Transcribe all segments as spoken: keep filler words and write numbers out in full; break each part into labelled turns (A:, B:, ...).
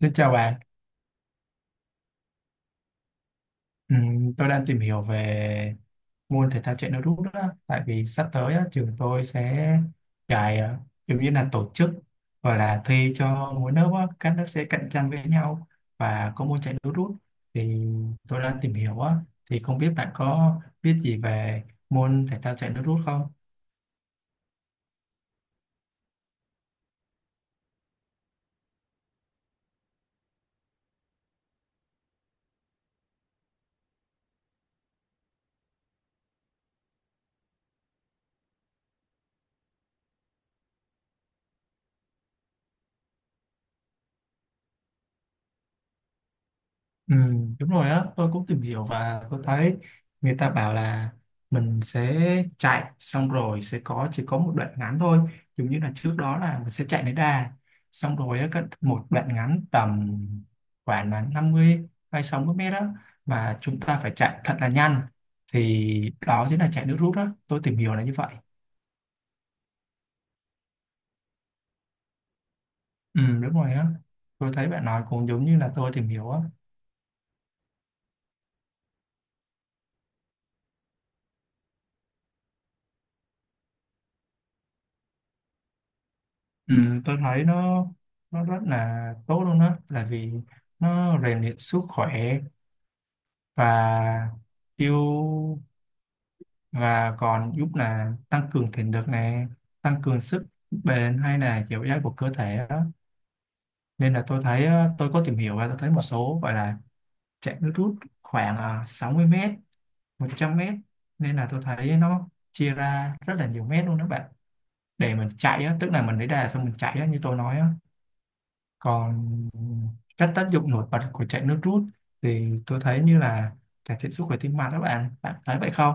A: Xin chào bạn. Ừm, tôi đang tìm hiểu về môn thể thao chạy nước rút đó. Tại vì sắp tới á, trường tôi sẽ chạy ờ, giống như là tổ chức và là thi cho mỗi lớp á, các lớp sẽ cạnh tranh với nhau và có môn chạy nước rút thì tôi đang tìm hiểu á, thì không biết bạn có biết gì về môn thể thao chạy nước rút không? Ừ, đúng rồi á, tôi cũng tìm hiểu và tôi thấy người ta bảo là mình sẽ chạy xong rồi sẽ có chỉ có một đoạn ngắn thôi, giống như là trước đó là mình sẽ chạy đến đà, xong rồi á, cái- một đoạn ngắn tầm khoảng là năm mươi hay sáu mươi mét đó mà chúng ta phải chạy thật là nhanh thì đó chính là chạy nước rút đó, tôi tìm hiểu là như vậy. Ừ, đúng rồi á, tôi thấy bạn nói cũng giống như là tôi tìm hiểu á. Ừ, tôi thấy nó nó rất là tốt luôn đó là vì nó rèn luyện sức khỏe và yêu và còn giúp là tăng cường thể lực này tăng cường sức bền hay là dẻo dai của cơ thể đó. Nên là tôi thấy ờ, tôi có tìm hiểu và tôi thấy một số gọi là chạy nước rút khoảng ờ, sáu mươi mét một trăm mét, nên là tôi thấy nó chia ra rất là nhiều mét luôn đó bạn, để mình chạy á, tức là mình lấy đà xong mình chạy á, như tôi nói á. Còn các tác dụng nổi bật của chạy nước rút thì tôi thấy như là cải thiện sức khỏe tim mạch đó bạn, bạn thấy vậy không?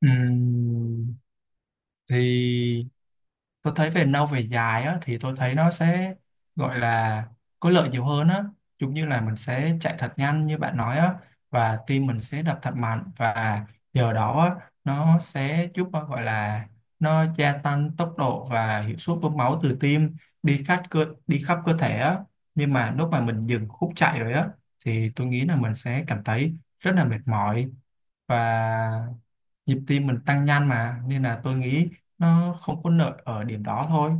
A: Ừm, thì tôi thấy về lâu về dài á, thì tôi thấy nó sẽ gọi là có lợi nhiều hơn á, giống như là mình sẽ chạy thật nhanh như bạn nói á, và tim mình sẽ đập thật mạnh và nhờ đó á, nó sẽ giúp à, gọi là nó gia tăng tốc độ và hiệu suất bơm máu từ tim đi khắp cơ đi khắp cơ thể á, nhưng mà lúc mà mình dừng khúc chạy rồi á thì tôi nghĩ là mình sẽ cảm thấy rất là mệt mỏi và nhịp tim mình tăng nhanh mà, nên là tôi nghĩ nó không có lợi ở điểm đó thôi.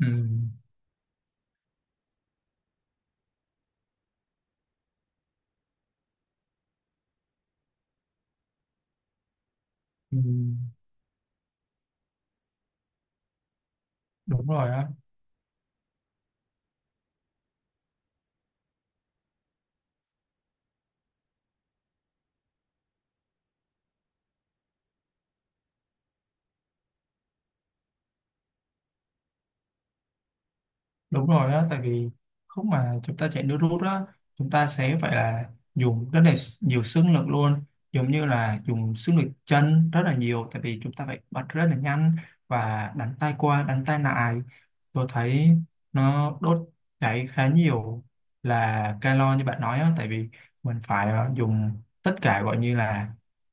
A: Ừ, ừ, đúng rồi á. Đúng rồi á, tại vì lúc mà chúng ta chạy nước rút á, chúng ta sẽ phải là dùng rất là nhiều sức lực luôn, giống như là dùng sức lực chân rất là nhiều, tại vì chúng ta phải bật rất là nhanh và đánh tay qua, đánh tay lại. Tôi thấy nó đốt cháy khá nhiều là calo như bạn nói á, tại vì mình phải ờ, dùng tất cả gọi như là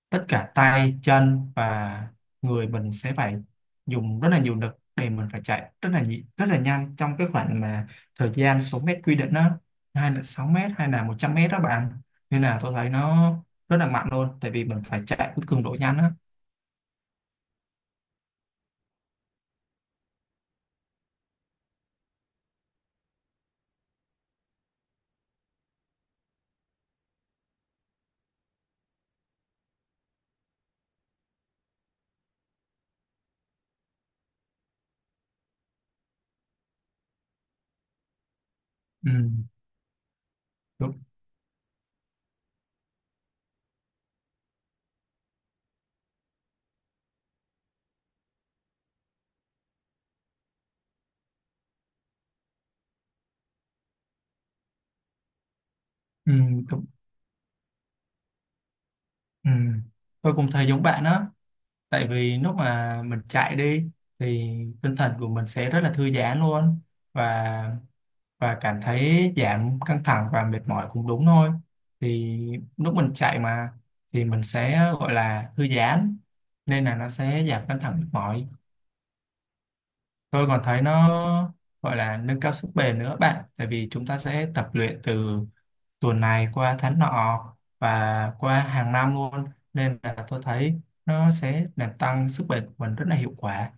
A: tất cả tay, chân và người mình sẽ phải dùng rất là nhiều lực để mình phải chạy rất là nhị, rất là nhanh trong cái khoảng mà thời gian số mét quy định đó, hay là sáu mét hay là một trăm mét đó bạn, nên là tôi thấy nó rất là mạnh luôn tại vì mình phải chạy với cường độ nhanh á. Ừ, đúng, ừ, đúng, ừ. Tôi cũng thấy giống bạn đó, tại vì lúc mà mình chạy đi thì tinh thần của mình sẽ rất là thư giãn luôn, và và cảm thấy giảm căng thẳng và mệt mỏi cũng đúng thôi, thì lúc mình chạy mà thì mình sẽ gọi là thư giãn, nên là nó sẽ giảm căng thẳng mệt mỏi. Tôi còn thấy nó gọi là nâng cao sức bền nữa bạn, tại vì chúng ta sẽ tập luyện từ tuần này qua tháng nọ và qua hàng năm luôn, nên là tôi thấy nó sẽ làm tăng sức bền của mình rất là hiệu quả.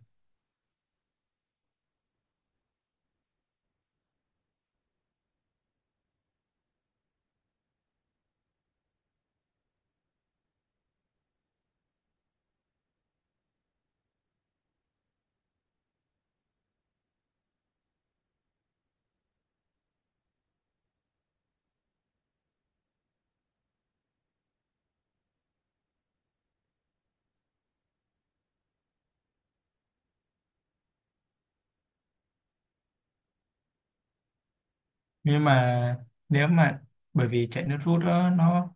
A: Nhưng mà nếu mà, bởi vì chạy nước rút đó, nó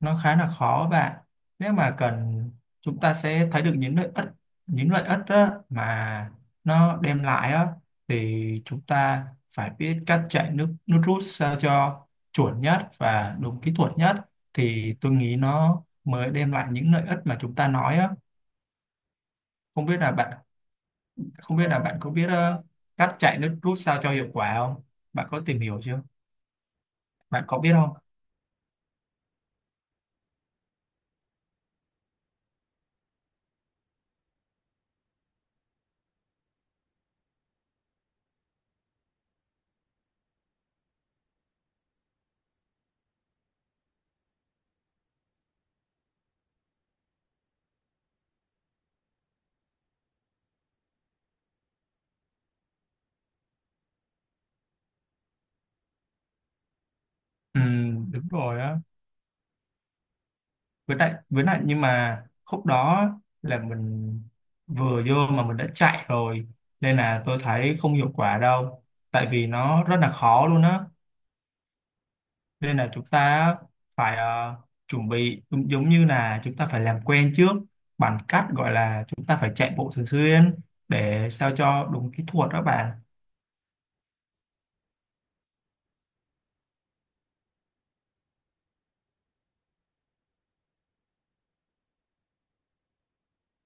A: nó khá là khó bạn, nếu mà cần chúng ta sẽ thấy được những lợi ích những lợi ích á, mà nó đem lại á, thì chúng ta phải biết cách chạy nước nước rút sao cho chuẩn nhất và đúng kỹ thuật nhất thì tôi nghĩ nó mới đem lại những lợi ích mà chúng ta nói á. Không biết là bạn Không biết là bạn có biết ờ, cách chạy nước rút sao cho hiệu quả không? Bạn có tìm hiểu chưa? Bạn có biết không? Ừ, đúng rồi á. với lại với lại nhưng mà khúc đó là mình vừa vô mà mình đã chạy rồi, nên là tôi thấy không hiệu quả đâu, tại vì nó rất là khó luôn á, nên là chúng ta phải ờ, chuẩn bị giống giống như là chúng ta phải làm quen trước bằng cách gọi là chúng ta phải chạy bộ thường xuyên để sao cho đúng kỹ thuật đó bạn.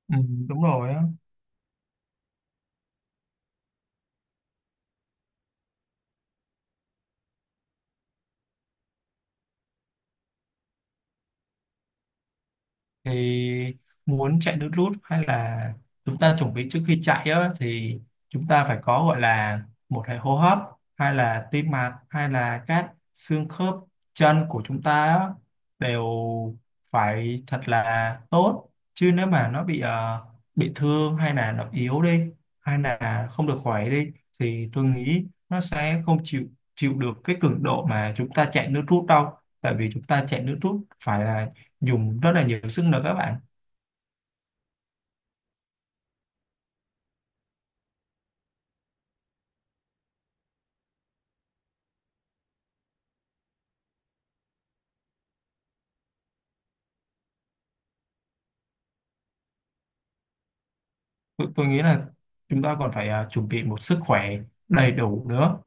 A: Ừ, đúng rồi á, thì muốn chạy nước rút hay là chúng ta chuẩn bị trước khi chạy á, thì chúng ta phải có gọi là một hệ hô hấp hay là tim mạch hay là các xương khớp chân của chúng ta á, đều phải thật là tốt, chứ nếu mà nó bị ờ, bị thương hay là nó yếu đi hay là không được khỏe đi thì tôi nghĩ nó sẽ không chịu chịu được cái cường độ mà chúng ta chạy nước rút đâu, tại vì chúng ta chạy nước rút phải là dùng rất là nhiều sức nữa các bạn. Tôi, tôi nghĩ là chúng ta còn phải à, chuẩn bị một sức khỏe đầy đủ nữa.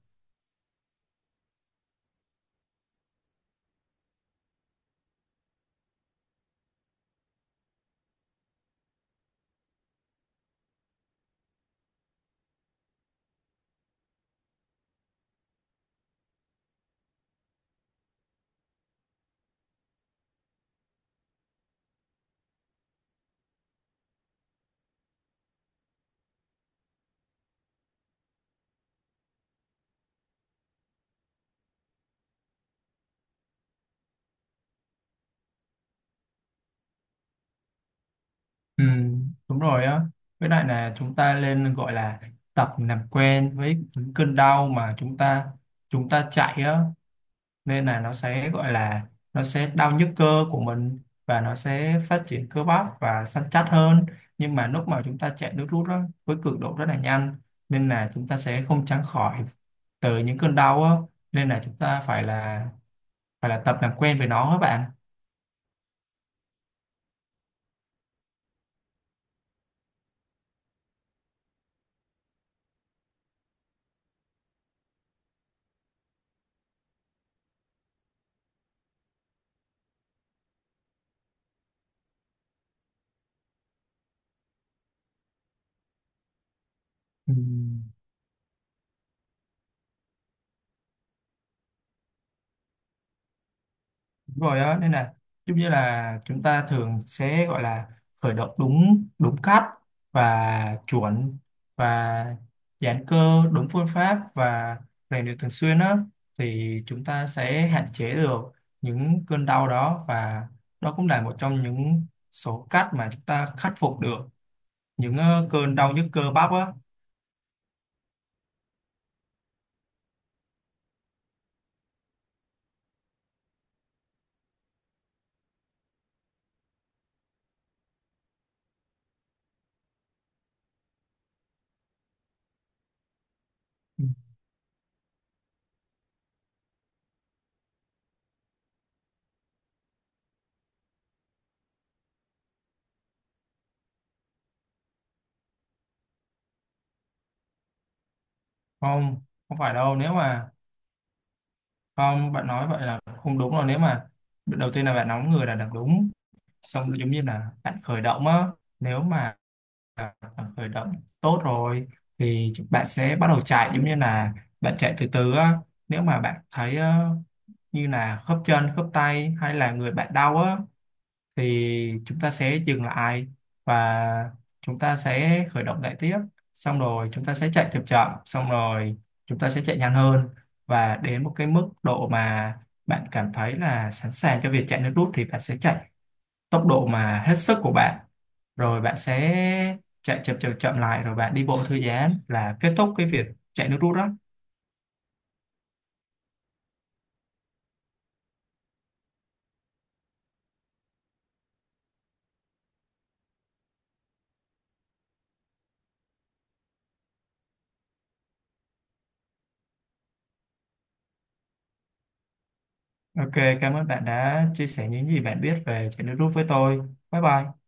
A: Ừ, đúng rồi á, với lại là chúng ta nên gọi là tập làm quen với những cơn đau mà chúng ta chúng ta chạy á, nên là nó sẽ gọi là nó sẽ đau nhức cơ của mình và nó sẽ phát triển cơ bắp và săn chắc hơn, nhưng mà lúc mà chúng ta chạy nước rút á, với cường độ rất là nhanh, nên là chúng ta sẽ không tránh khỏi từ những cơn đau á, nên là chúng ta phải là phải là tập làm quen với nó các bạn. Ừ. Đúng rồi đó, nên là giống như là chúng ta thường sẽ gọi là khởi động đúng đúng cách và chuẩn và giãn cơ đúng phương pháp và rèn luyện thường xuyên á, thì chúng ta sẽ hạn chế được những cơn đau đó, và đó cũng là một trong những số cách mà chúng ta khắc phục được những ờ, cơn đau nhức cơ bắp á. Ừ. Không, không phải đâu. Nếu mà Không, bạn nói vậy là không đúng rồi. Nếu mà đầu tiên là bạn nóng người là đằng đúng. Xong rồi giống như là bạn khởi động á. Nếu mà bạn khởi động tốt rồi thì bạn sẽ bắt đầu chạy giống như là bạn chạy từ từ á. Nếu mà bạn thấy ờ, như là khớp chân, khớp tay hay là người bạn đau á thì chúng ta sẽ dừng lại và chúng ta sẽ khởi động lại tiếp, xong rồi chúng ta sẽ chạy chậm chậm, xong rồi chúng ta sẽ chạy nhanh hơn và đến một cái mức độ mà bạn cảm thấy là sẵn sàng cho việc chạy nước rút thì bạn sẽ chạy tốc độ mà hết sức của bạn, rồi bạn sẽ chạy chậm chậm chậm lại rồi bạn đi bộ thư giãn là kết thúc cái việc chạy nước rút đó. Ok, cảm ơn bạn đã chia sẻ những gì bạn biết về chạy nước rút với tôi. Bye bye.